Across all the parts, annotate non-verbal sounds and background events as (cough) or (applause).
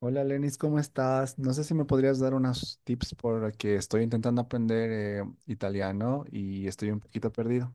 Hola Lenis, ¿cómo estás? No sé si me podrías dar unos tips porque estoy intentando aprender italiano y estoy un poquito perdido.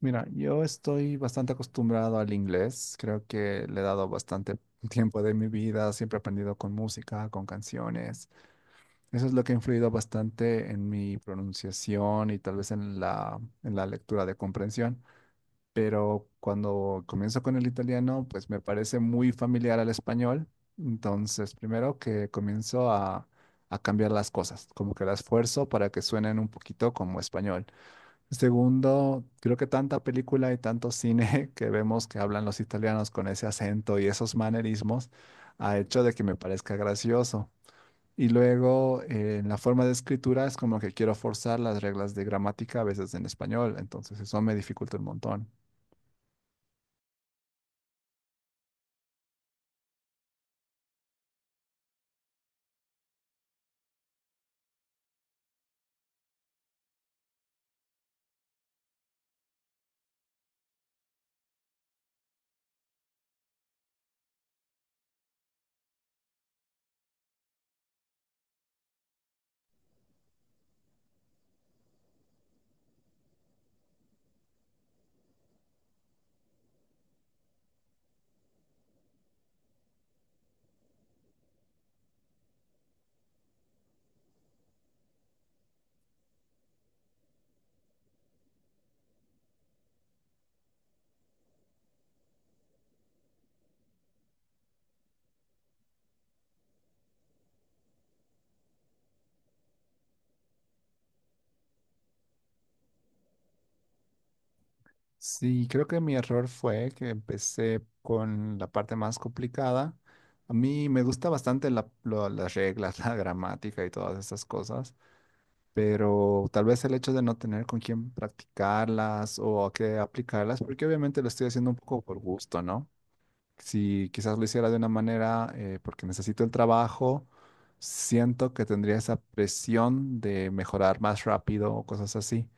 Mira, yo estoy bastante acostumbrado al inglés, creo que le he dado bastante (laughs) tiempo de mi vida, siempre he aprendido con música, con canciones. Eso es lo que ha influido bastante en mi pronunciación y tal vez en la lectura de comprensión. Pero cuando comienzo con el italiano, pues me parece muy familiar al español. Entonces, primero que a cambiar las cosas, como que las fuerzo para que suenen un poquito como español. Segundo, creo que tanta película y tanto cine (laughs) que vemos que hablan los italianos con ese acento y esos manerismos ha hecho de que me parezca gracioso. Y luego, en la forma de escritura es como que quiero forzar las reglas de gramática a veces en español, entonces eso me dificulta un montón. Sí, creo que mi error fue que empecé con la parte más complicada. A mí me gusta bastante las reglas, (laughs) la gramática y todas esas cosas, pero tal vez el hecho de no tener con quién practicarlas o a qué aplicarlas, porque obviamente lo estoy haciendo un poco por gusto, ¿no? Si quizás lo hiciera de una manera porque necesito el trabajo, siento que tendría esa presión de mejorar más rápido o cosas así.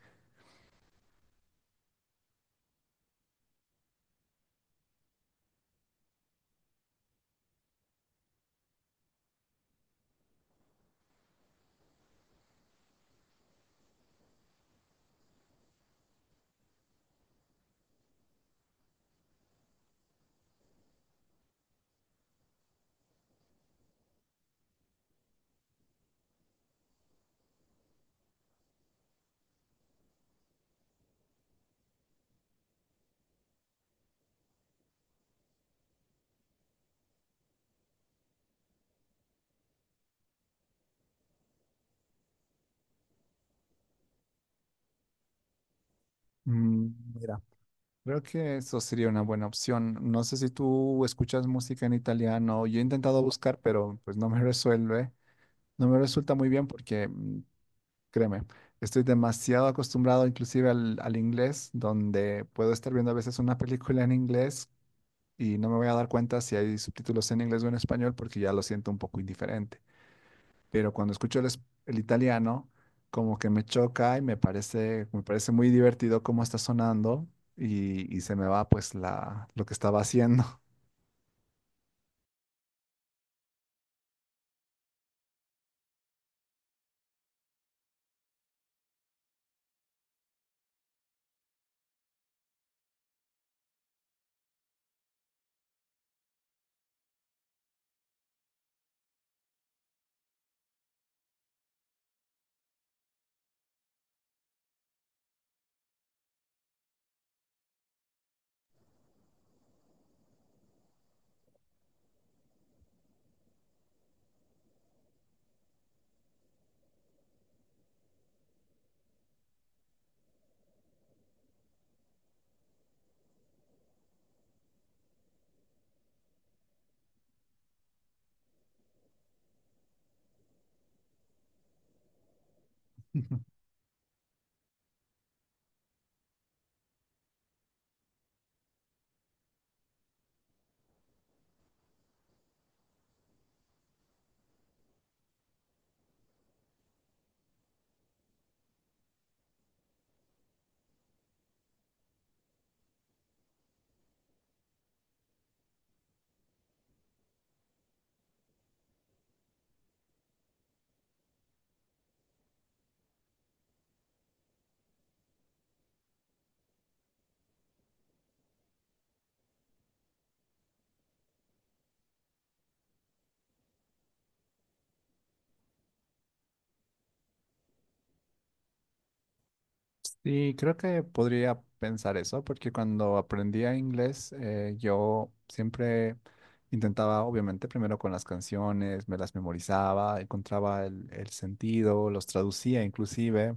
Mm, mira. Creo que eso sería una buena opción. No sé si tú escuchas música en italiano. Yo he intentado buscar, pero pues no me resuelve. No me resulta muy bien porque, mm, créeme, estoy demasiado acostumbrado inclusive al inglés, donde puedo estar viendo a veces una película en inglés y no me voy a dar cuenta si hay subtítulos en inglés o en español porque ya lo siento un poco indiferente. Pero cuando escucho el italiano, como que me choca y me parece muy divertido cómo está sonando y se me va pues la, lo que estaba haciendo. (laughs) Y creo que podría pensar eso, porque cuando aprendía inglés, yo siempre intentaba, obviamente, primero con las canciones, me las memorizaba, encontraba el sentido, los traducía inclusive,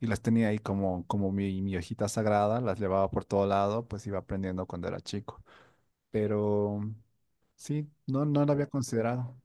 y las tenía ahí como, como mi hojita sagrada, las llevaba por todo lado, pues iba aprendiendo cuando era chico. Pero sí, no lo había considerado.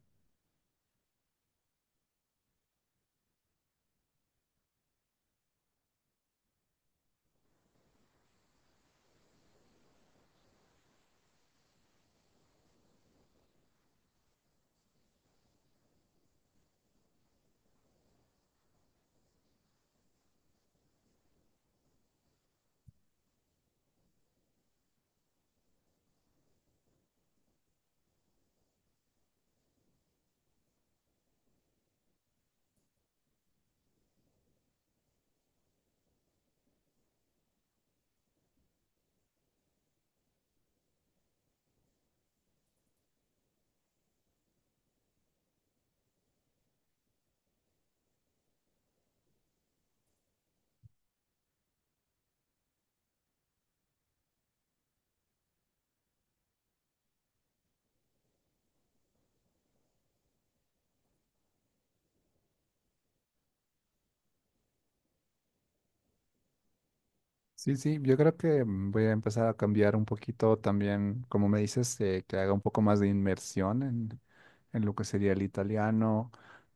Sí, sí, yo creo que mm, voy a empezar a cambiar un poquito también, como me dices, que haga un poco más de inmersión en lo que sería el italiano,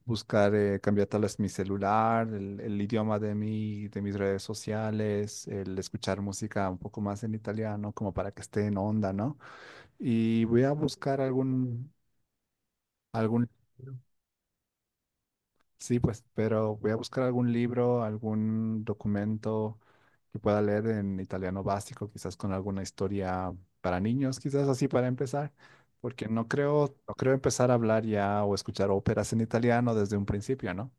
buscar cambiar tal vez mi celular, el idioma de mi, de mis redes sociales, el escuchar música un poco más en italiano, como para que esté en onda, ¿no? Y voy a buscar algún, algún... libro. Sí, pues, pero voy a buscar algún libro, algún documento que pueda leer en italiano básico, quizás con alguna historia para niños, quizás así para empezar, porque no creo, no creo empezar a hablar ya o escuchar óperas en italiano desde un principio, ¿no?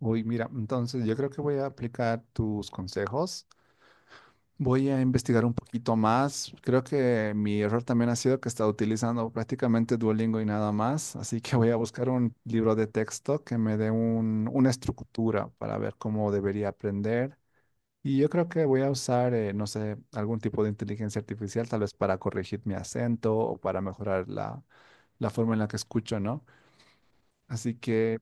Uy, mira, entonces yo creo que voy a aplicar tus consejos. Voy a investigar un poquito más. Creo que mi error también ha sido que he estado utilizando prácticamente Duolingo y nada más, así que voy a buscar un libro de texto que me dé una estructura para ver cómo debería aprender. Y yo creo que voy a usar, no sé, algún tipo de inteligencia artificial, tal vez para corregir mi acento o para mejorar la, la forma en la que escucho, ¿no? Así que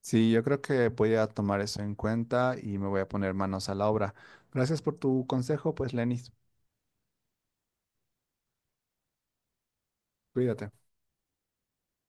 sí, yo creo que voy a tomar eso en cuenta y me voy a poner manos a la obra. Gracias por tu consejo, pues, Lenis. Cuídate.